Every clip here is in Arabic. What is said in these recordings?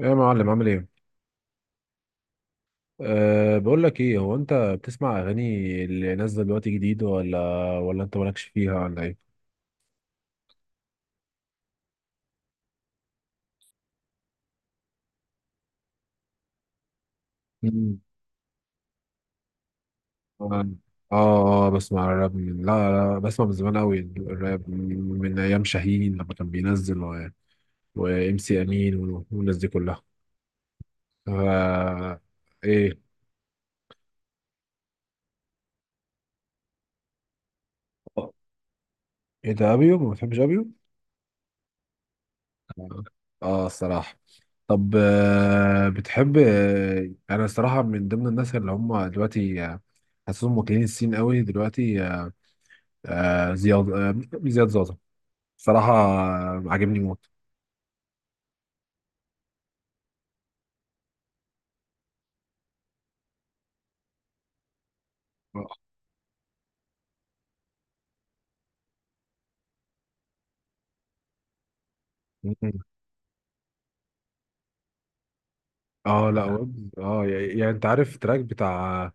يا معلم عامل ايه؟ بقول لك ايه، هو انت بتسمع اغاني اللي نازله دلوقتي جديد، ولا انت مالكش فيها ولا ايه؟ مم. اه. اه، بسمع الراب من، لا لا، بسمع من زمان قوي الراب من ايام شاهين لما كان بينزل، وام سي امين، والناس دي كلها. أه. ايه ايه ده، ابيو ما بتحبش ابيو؟ اه، آه، الصراحه. طب بتحب، انا الصراحه من ضمن الناس اللي هم دلوقتي حاسسهم واكلين الصين قوي دلوقتي، آه، زياد، زياد زازا. صراحه عاجبني موت. مم. اه، لا، يعني انت عارف التراك بتاع،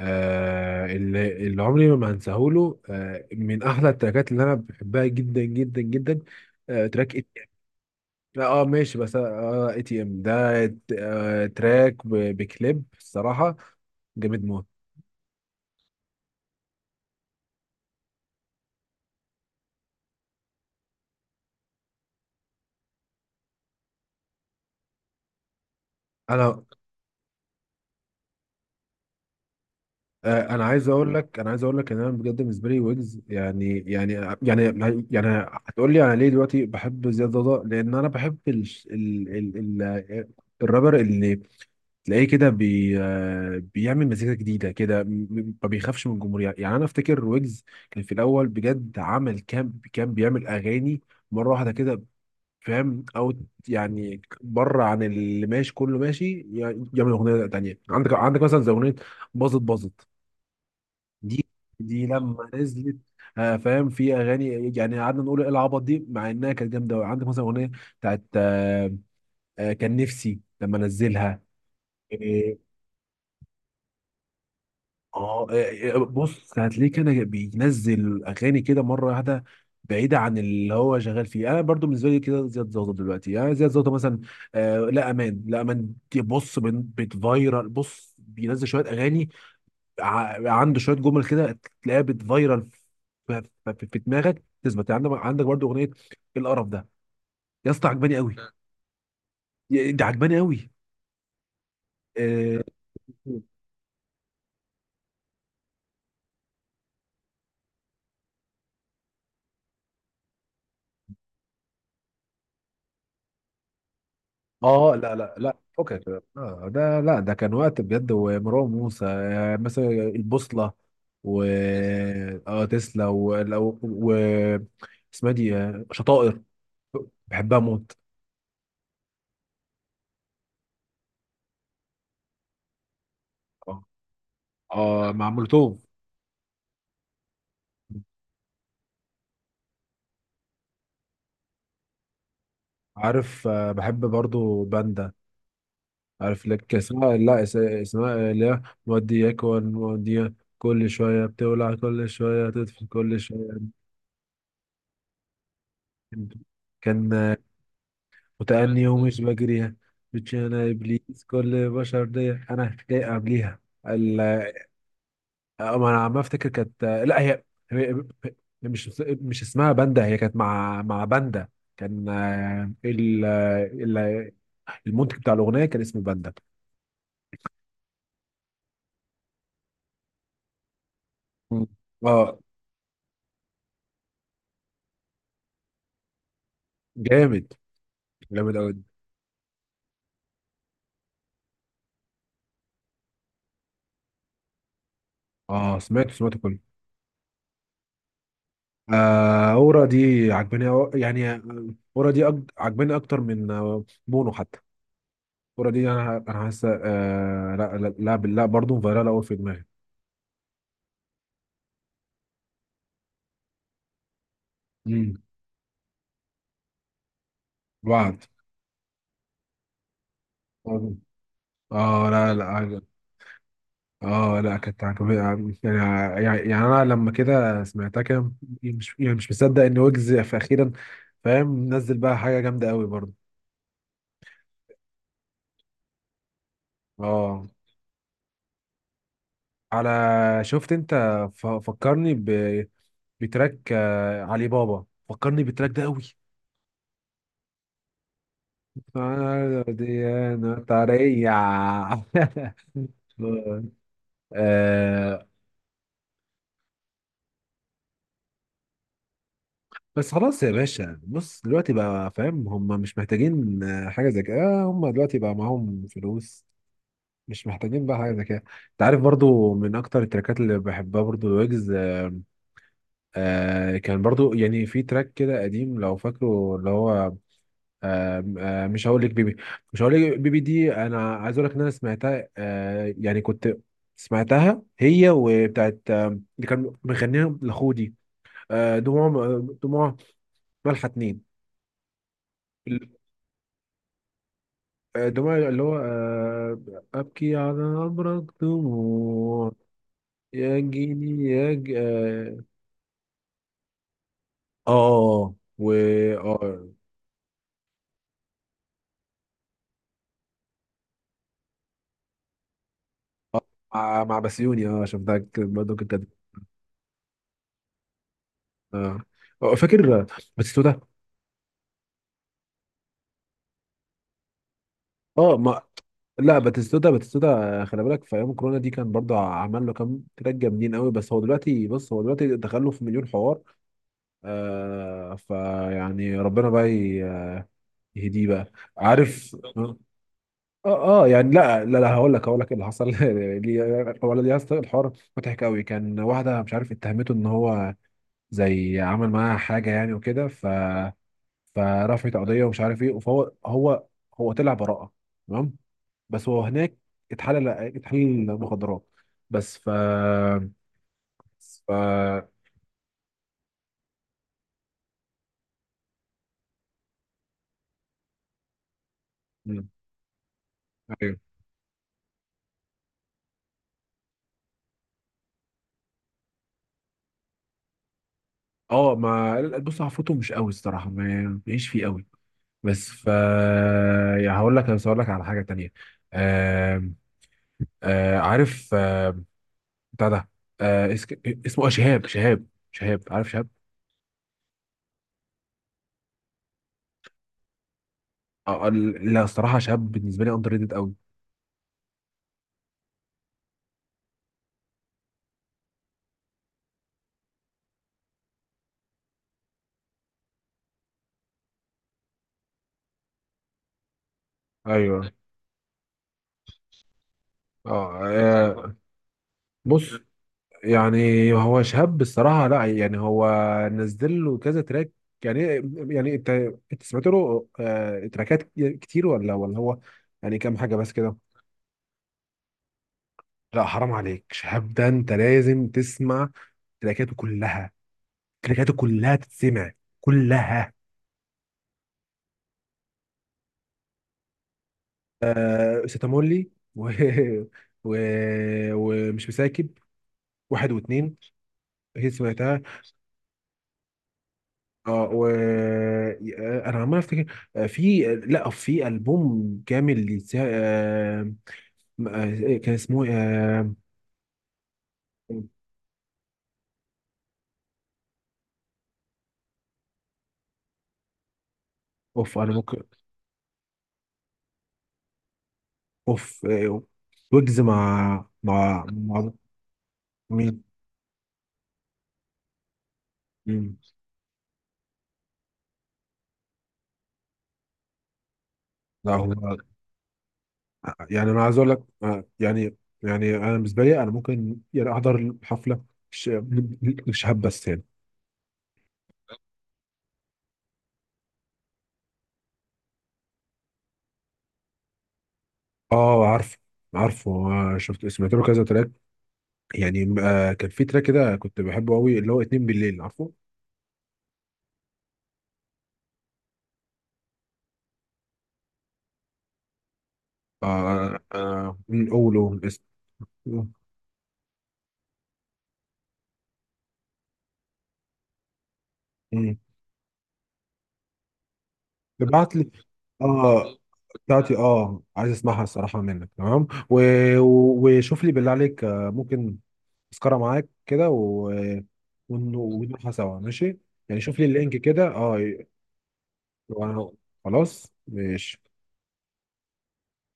اللي عمري ما هنساهوله، من احلى التراكات اللي انا بحبها جدا جدا جدا. تراك. لا، اه ماشي، بس اه، ATM ده تراك بكليب الصراحه جامد موت. انا انا عايز اقول لك، ان انا بجد بالنسبه لي ويجز، يعني يعني، هتقول لي انا ليه دلوقتي بحب زياد ضوضاء؟ لان انا بحب ال ال ال ال الرابر اللي تلاقيه كده، بي آه، بيعمل مزيكا جديده كده، ما بيخافش من الجمهور. يعني انا افتكر ويجز كان في الاول بجد، عمل كام كان بيعمل اغاني مره واحده كده، فاهم؟ يعني بره عن اللي ماشي. كله ماشي، يعني يعمل اغنيه تانيه. عندك مثلا زي اغنيه باظت باظت دي، لما نزلت، فاهم، في اغاني يعني قعدنا نقول ايه العبط دي، مع انها كانت جامده قوي. عندك مثلا اغنيه بتاعت كان نفسي لما انزلها. آه، اه، إيه، بص هتلاقيه كده بينزل اغاني كده مره واحده بعيده عن اللي هو شغال فيه. انا برضو بالنسبه لي كده زياد زوطه، دلوقتي يعني زياد زوطه مثلا لا امان، لا امان دي، بص، بتفايرال. بص بينزل شويه اغاني، عنده شويه جمل كده تلاقيها بتفايرال، في دماغك تثبت، يعني عندك برضو اغنيه القرف ده، يا اسطى عجباني قوي. مم. ده عجباني قوي. آه. اه، لا لا لا، فكك. آه، ده، لا، ده كان وقت بجد. ومروان موسى مثلا البوصلة، و، اه، تسلا، اسمها دي شطائر. بحبها موت. اه، مع مولوتوف. عارف، بحب برضو باندا. عارف لك اسمها، لا، اسمها اللي هي مودياك، موديا. كل شوية بتولع، كل شوية تطفي، كل شوية كان وتأني تمام يومش بجريها. بتشانا إبليس، كل بشر دي أنا جاي قبليها. ال- أه، ما أنا عم أفتكر. كانت، لا، هي هي- هي مش مش اسمها باندا. هي كانت مع باندا. كان المنتج بتاع الأغنية كان اسمه باندا. مم. اه. جامد، جامد أوي. اه، سمعته سمعته كله. آه، أورا دي عجباني يعني، أورا دي عجباني أكتر من بونو حتى. الكوره دي انا، حاسه، آه، لا لا لا لا، برضه فايرال قوي في دماغي. امم. وعد. اه، لا لا، عجب. اه، لا، كانت عجباني. يعني، يعني انا لما كده سمعتها كده مش يعني، مش مصدق ان ويجز في اخيرا. فاهم؟ نزل بقى حاجه جامده قوي برضه. اه. على. شفت انت؟ فكرني، بتراك علي بابا. فكرني بالتراك ده قوي. ديانة طرية آه. بس خلاص يا باشا، بص دلوقتي بقى فاهم، هم مش محتاجين حاجة زي كده، هم دلوقتي بقى معاهم فلوس، مش محتاجين بقى حاجة زي كده. انت عارف برضو من اكتر التراكات اللي بحبها برضو الويجز، آه، كان برضو يعني في تراك كده قديم لو فاكره اللي هو آه مش هقول لك بيبي. دي انا عايز اقول لك ان انا سمعتها، يعني كنت سمعتها هي وبتاعت اللي كان مغنيها لخودي. دموع، دموع ملحة اتنين. دموع، اللي هو أبكي على أبرق دموع يجيني يج اه آه، آه، و اه مع مع بسيوني اه عشان ده برضه كنت اه. فاكر باتيستوتا. اه ما لا، باتيستوتا، باتيستوتا خلي بالك في ايام كورونا دي كان برضه عمل له كام تراك جامدين قوي، بس هو دلوقتي بص، هو دلوقتي دخل له في مليون حوار، فيعني ربنا بقى يهديه بقى، عارف اه. اه يعني، لا لا لا، هقول لك ايه اللي حصل هو، يا اسطى الحوار مضحك قوي. كان واحده مش عارف اتهمته ان هو زي عمل معاها حاجه يعني وكده، فرفعت قضيه ومش عارف ايه. فهو هو طلع براءه، تمام، بس هو هناك اتحلل مخدرات. بس ف ف مم. أيوه. اه، ما بص، عفروته مش قوي الصراحه، ما مش فيه قوي. بس ف يعني هقول لك، على حاجه تانيه. عارف بتاع ده، آه اس- اسمه شهاب، شهاب. شهاب، عارف شهاب؟ لا، الصراحه شهاب بالنسبه لي اندر ريتد قوي. ايوه. آه, اه. بص، يعني هو شهاب، الصراحه، لا، يعني هو نزل له كذا تراك، يعني، يعني انت انت سمعت له تراكات كتير، ولا هو يعني كام حاجه بس كده؟ لا، حرام عليك، شهاب ده انت لازم تسمع تراكاته كلها. تتسمع كلها. آه، ستامولي، و... ومش مساكب، واحد واثنين. هي سمعتها. اه و، انا عمال افتكر، في، لا في البوم كامل لسا... كان اسمه اوف. انا ممكن، اوف، ويجز مع مع مين؟ مم. لا، هو، يعني انا عايز اقول لك يعني، انا بالنسبه لي انا ممكن يعني احضر الحفله، ش- الشهاب، بس يعني. اه، عارفه، عارفه شفت، سمعت له كذا تراك يعني. كان في تراك كده كنت بحبه قوي اللي هو اتنين بالليل، عارفه؟ مم، قوله اسم. ابعت لي. اه، بتاعتي. اه، عايز اسمعها الصراحة منك، تمام، و... وشوف لي بالله عليك، ممكن تذكرة معاك كده، و... ونروحها سوا، ماشي؟ يعني شوف لي اللينك كده، اه. وأنا- خلاص ماشي.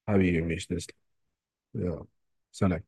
حبيبي ماشي، تسلم. يلا، سلام.